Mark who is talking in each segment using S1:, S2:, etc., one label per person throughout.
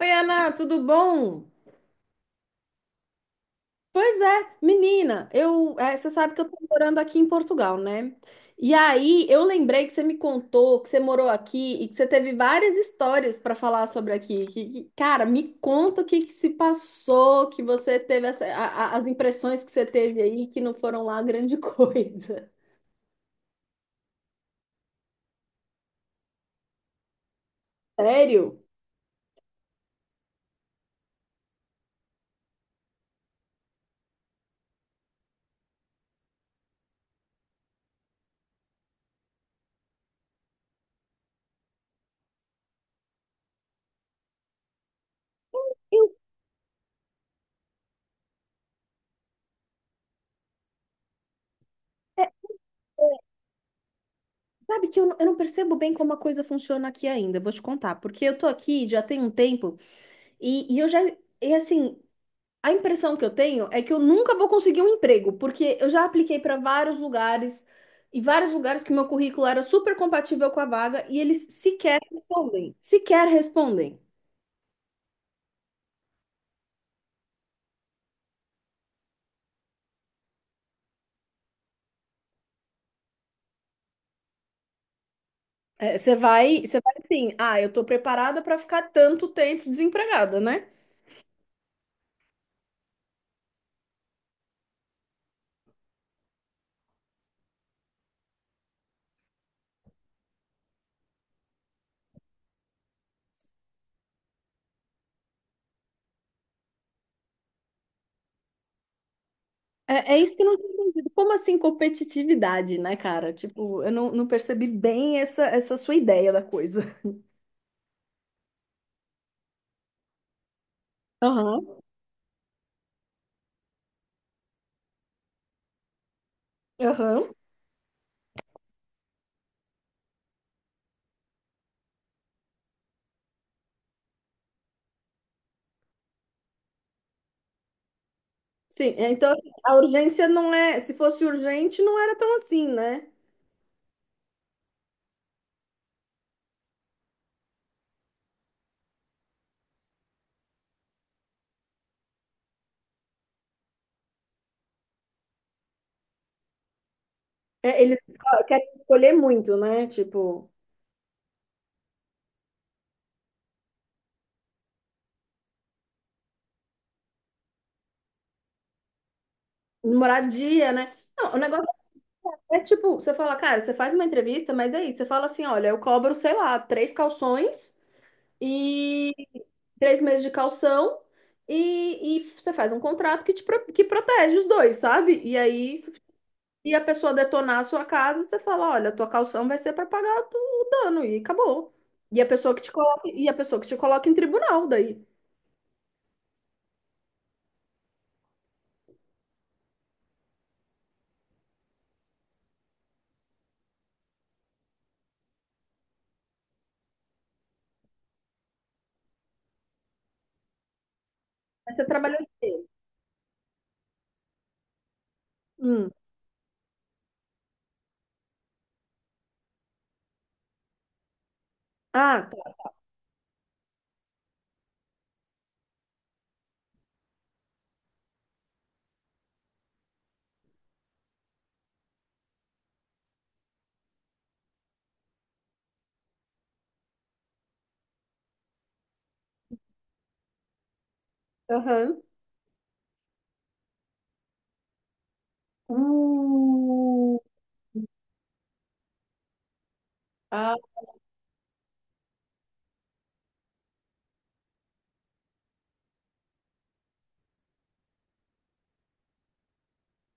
S1: Oi, Ana, tudo bom? Pois é, menina, você sabe que eu tô morando aqui em Portugal, né? E aí eu lembrei que você me contou que você morou aqui e que você teve várias histórias para falar sobre aqui. Cara, me conta o que que se passou, que você teve as impressões que você teve aí que não foram lá grande coisa. Sério? Eu, sabe que eu não percebo bem como a coisa funciona aqui ainda, vou te contar, porque eu tô aqui já tem um tempo e eu já, e assim. A impressão que eu tenho é que eu nunca vou conseguir um emprego, porque eu já apliquei para vários lugares e vários lugares que meu currículo era super compatível com a vaga e eles sequer respondem, sequer respondem. É, você vai assim, ah, eu tô preparada para ficar tanto tempo desempregada, né? É, é isso que eu não tenho entendido. Como assim competitividade, né, cara? Tipo, eu não percebi bem essa sua ideia da coisa. Aham, aham. Sim, é, então a urgência não é, se fosse urgente, não era tão assim, né? É, eles querem escolher muito, né? Tipo, moradia, né? Não, o negócio é, tipo, você fala, cara, você faz uma entrevista, mas é isso. Você fala assim, olha, eu cobro, sei lá, três calções e três meses de calção e você faz um contrato que protege os dois, sabe? E aí, se a pessoa detonar a sua casa, você fala, olha, a tua calção vai ser para pagar o dano e acabou. E a pessoa que te coloca em tribunal daí. Aí você trabalhou de quê? Hum. Ah, tá. Aham. Uh, ah,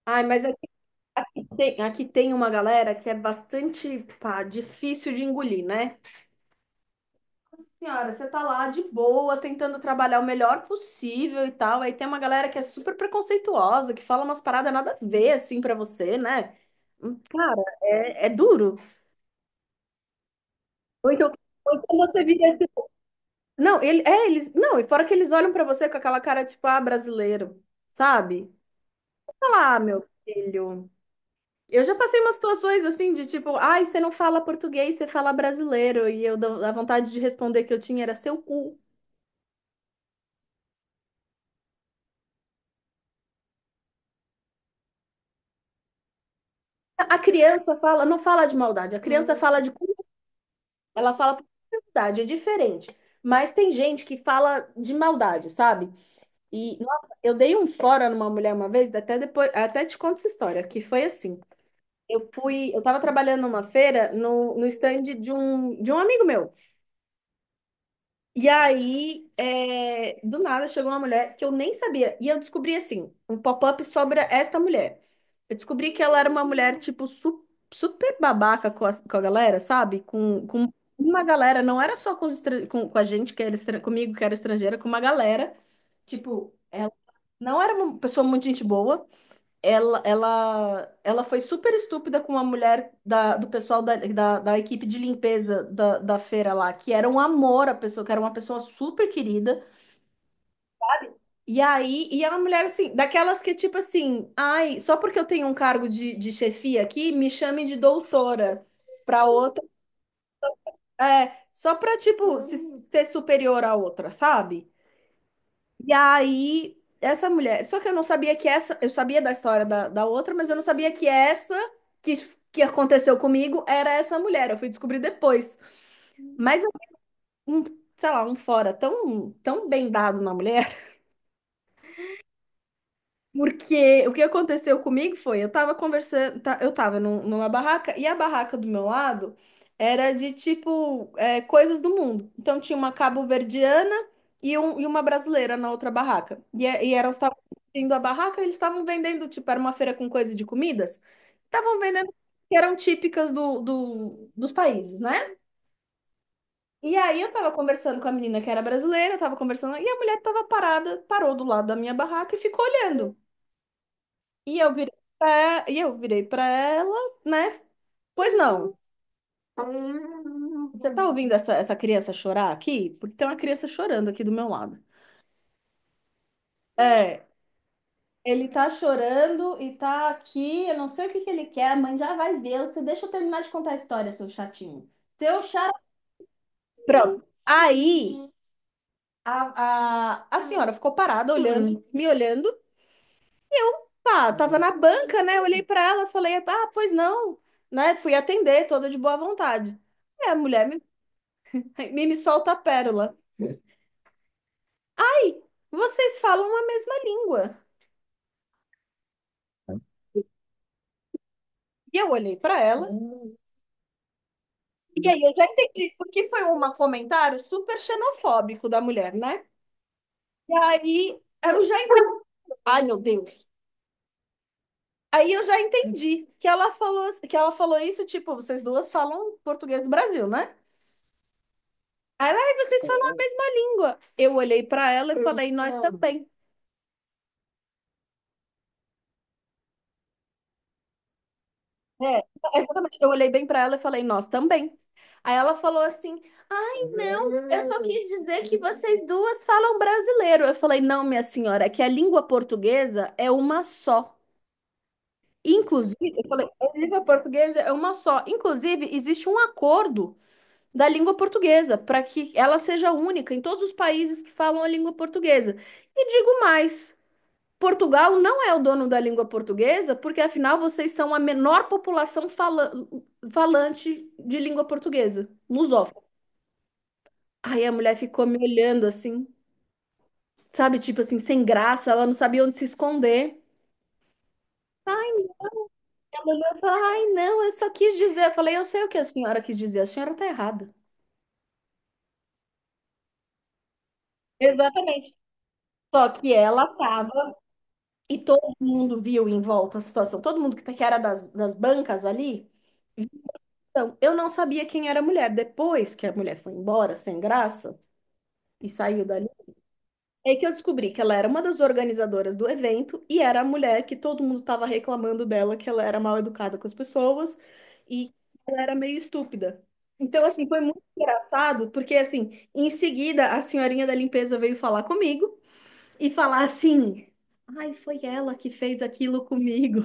S1: ai, mas aqui tem, uma galera que é bastante, pá, difícil de engolir, né? Senhora, você tá lá de boa, tentando trabalhar o melhor possível e tal. Aí tem uma galera que é super preconceituosa, que fala umas paradas nada a ver, assim, pra você, né? Cara, é duro. Ou então, ou então você vira. Não, eles. Não, e fora que eles olham pra você com aquela cara, tipo, ah, brasileiro, sabe? Fala, ah, meu filho. Eu já passei umas situações assim de tipo, ai, você não fala português, você fala brasileiro. A vontade de responder que eu tinha era seu cu. A criança fala, não fala de maldade, a criança fala de cu, ela fala por maldade, é diferente. Mas tem gente que fala de maldade, sabe? E nossa, eu dei um fora numa mulher uma vez, até depois, até te conto essa história, que foi assim. Eu tava trabalhando numa feira no stand de um amigo meu. E aí, do nada, chegou uma mulher que eu nem sabia. E eu descobri, assim, um pop-up sobre esta mulher. Eu descobri que ela era uma mulher, tipo, super babaca com a galera, sabe? Com uma galera, não era só com a gente, que era comigo, que era estrangeira, com uma galera. Tipo, ela não era uma pessoa muito gente boa. Ela foi super estúpida com a mulher do pessoal da equipe de limpeza da feira lá, que era um amor a pessoa, que era uma pessoa super querida. E aí, é uma mulher assim, daquelas que tipo assim, ai, só porque eu tenho um cargo de chefia aqui, me chamem de doutora pra outra. É, só pra tipo se, ser superior à outra, sabe? E aí, essa mulher. Só que eu não sabia que essa. Eu sabia da história da outra, mas eu não sabia que essa que, que aconteceu comigo era essa mulher. Eu fui descobrir depois. Mas, um, sei lá, um fora tão, tão bem dado na mulher. Porque o que aconteceu comigo foi, eu tava conversando, tá, eu tava numa barraca, e a barraca do meu lado era de tipo coisas do mundo. Então tinha uma cabo-verdiana e uma brasileira na outra barraca. E elas estavam indo a barraca, eles estavam vendendo, tipo, era uma feira com coisa de comidas, estavam vendendo que eram típicas dos países, né? E aí eu tava conversando com a menina que era brasileira, tava conversando, e a mulher tava parada, parou do lado da minha barraca e ficou olhando. E eu virei pra ela, né? Pois não. Você tá ouvindo essa criança chorar aqui? Porque tem uma criança chorando aqui do meu lado. É, ele tá chorando e tá aqui, eu não sei o que que ele quer, a mãe já vai ver. Você deixa eu terminar de contar a história, seu chatinho. Seu chato. Pronto. Aí a senhora ficou parada olhando, me olhando. Pá, tava na banca, né? Eu olhei pra ela, falei, ah, pois não, né? Fui atender, toda de boa vontade. Aí a mulher me solta a pérola. Ai, vocês falam a mesma língua. E eu olhei pra ela. Hum. E aí eu já entendi, porque foi um comentário super xenofóbico da mulher, né? E aí eu já entendi. Ai, meu Deus. Aí eu já entendi que ela falou isso, tipo, vocês duas falam português do Brasil, né? Aí ela, ai, vocês falam a mesma língua. Eu olhei pra ela e falei, nós também. É, exatamente. Eu olhei bem pra ela e falei, nós também. Aí ela falou assim: ai, não, eu só quis dizer que vocês duas falam brasileiro. Eu falei, não, minha senhora, é que a língua portuguesa é uma só. Inclusive, eu falei, a língua portuguesa é uma só. Inclusive, existe um acordo da língua portuguesa para que ela seja única em todos os países que falam a língua portuguesa. E digo mais. Portugal não é o dono da língua portuguesa, porque afinal vocês são a menor população falante de língua portuguesa, lusófona. Aí a mulher ficou me olhando assim, sabe, tipo assim, sem graça, ela não sabia onde se esconder. Ai, ela olhou e falou: Ai, não, eu só quis dizer. Eu falei: Eu sei o que a senhora quis dizer, a senhora tá errada. Exatamente. Só que ela tava, e todo mundo viu em volta a situação, todo mundo que era das bancas ali. Então, eu não sabia quem era a mulher. Depois que a mulher foi embora, sem graça, e saiu dali, é que eu descobri que ela era uma das organizadoras do evento e era a mulher que todo mundo estava reclamando dela, que ela era mal educada com as pessoas e ela era meio estúpida. Então, assim, foi muito engraçado, porque, assim, em seguida, a senhorinha da limpeza veio falar comigo e falar assim: Ai, foi ela que fez aquilo comigo.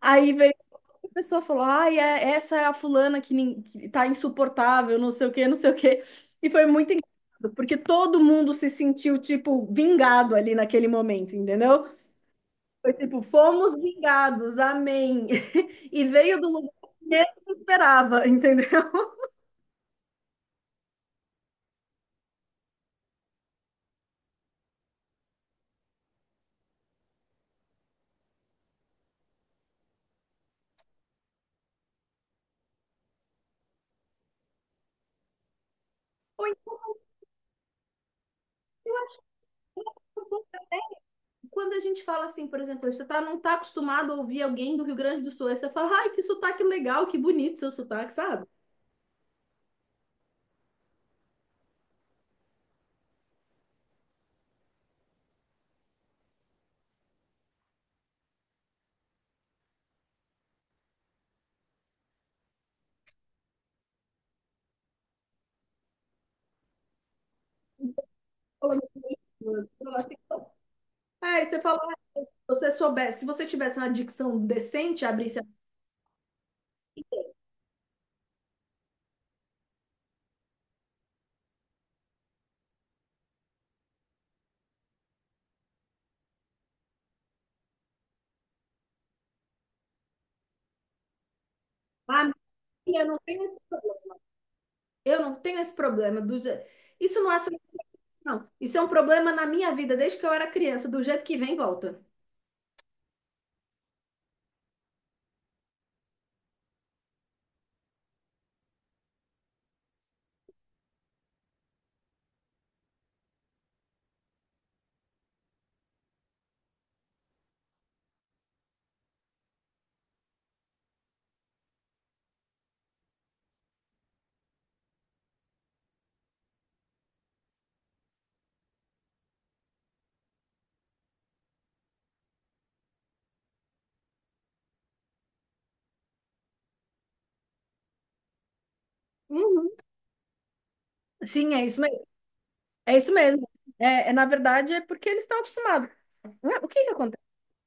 S1: Aí veio a pessoa falou, ai, essa é a fulana que tá insuportável, não sei o quê, não sei o quê. E foi muito engraçado, porque todo mundo se sentiu, tipo, vingado ali naquele momento, entendeu? Foi tipo, fomos vingados, amém. E veio do lugar que menos esperava, entendeu? Ou então, quando a gente fala assim, por exemplo, não tá acostumado a ouvir alguém do Rio Grande do Sul, aí você fala, ai, que sotaque legal, que bonito seu sotaque, sabe? Falando, "Ai, você soubesse, se você tivesse uma dicção decente, abrisse a ah, eu não tenho esse problema. Eu não tenho esse problema. Isso não é solução, não. Isso é um problema na minha vida desde que eu era criança, do jeito que vem, volta. Uhum. Sim, é isso mesmo. É isso mesmo. É, na verdade, é porque eles estão acostumados. Não é- O que que acontece?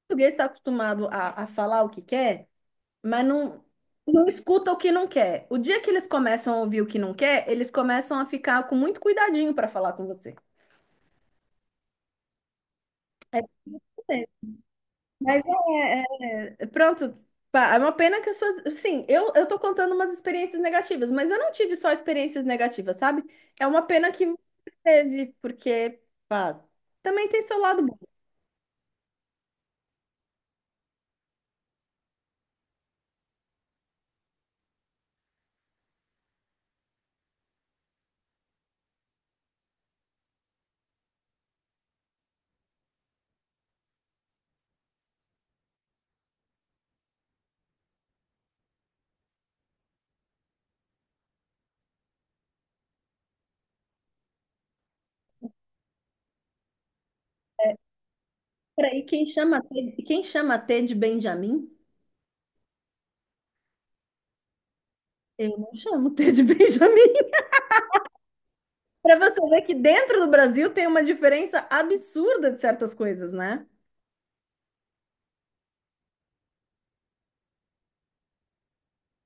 S1: O português está acostumado a falar o que quer, mas não escuta o que não quer. O dia que eles começam a ouvir o que não quer, eles começam a ficar com muito cuidadinho para falar com você. Mas é, pronto, pá, é uma pena que as suas. Sim, eu tô contando umas experiências negativas, mas eu não tive só experiências negativas, sabe? É uma pena que você teve, porque, pá, também tem seu lado bom. Peraí, quem chama T de Benjamin? Eu não chamo T de Benjamin. Pra você ver que dentro do Brasil tem uma diferença absurda de certas coisas, né?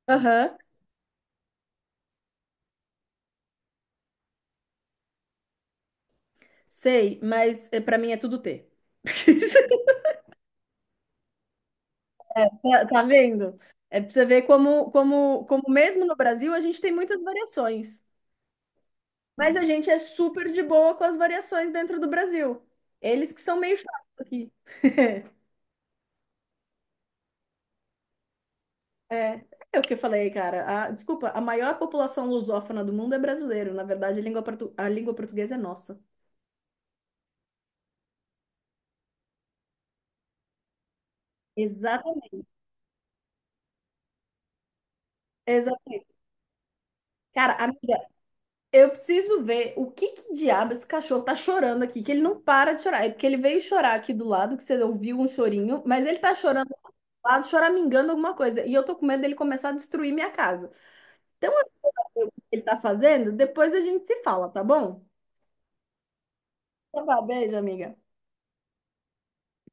S1: Aham, sei, mas pra mim é tudo T. Tá vendo? É pra você ver como, como, como, mesmo no Brasil a gente tem muitas variações. Mas a gente é super de boa com as variações dentro do Brasil. Eles que são meio chatos aqui. É, é o que eu falei, cara. Desculpa, a maior população lusófona do mundo é brasileiro. Na verdade, a língua portuguesa é nossa. Exatamente. Exatamente. Cara, a Eu preciso ver o que que diabo esse cachorro tá chorando aqui, que ele não para de chorar. É porque ele veio chorar aqui do lado, que você ouviu um chorinho, mas ele tá chorando lá do lado, choramingando alguma coisa. E eu tô com medo dele começar a destruir minha casa. Então, assim, o que ele tá fazendo, depois a gente se fala, tá bom? Então, tá bom, beijo, amiga.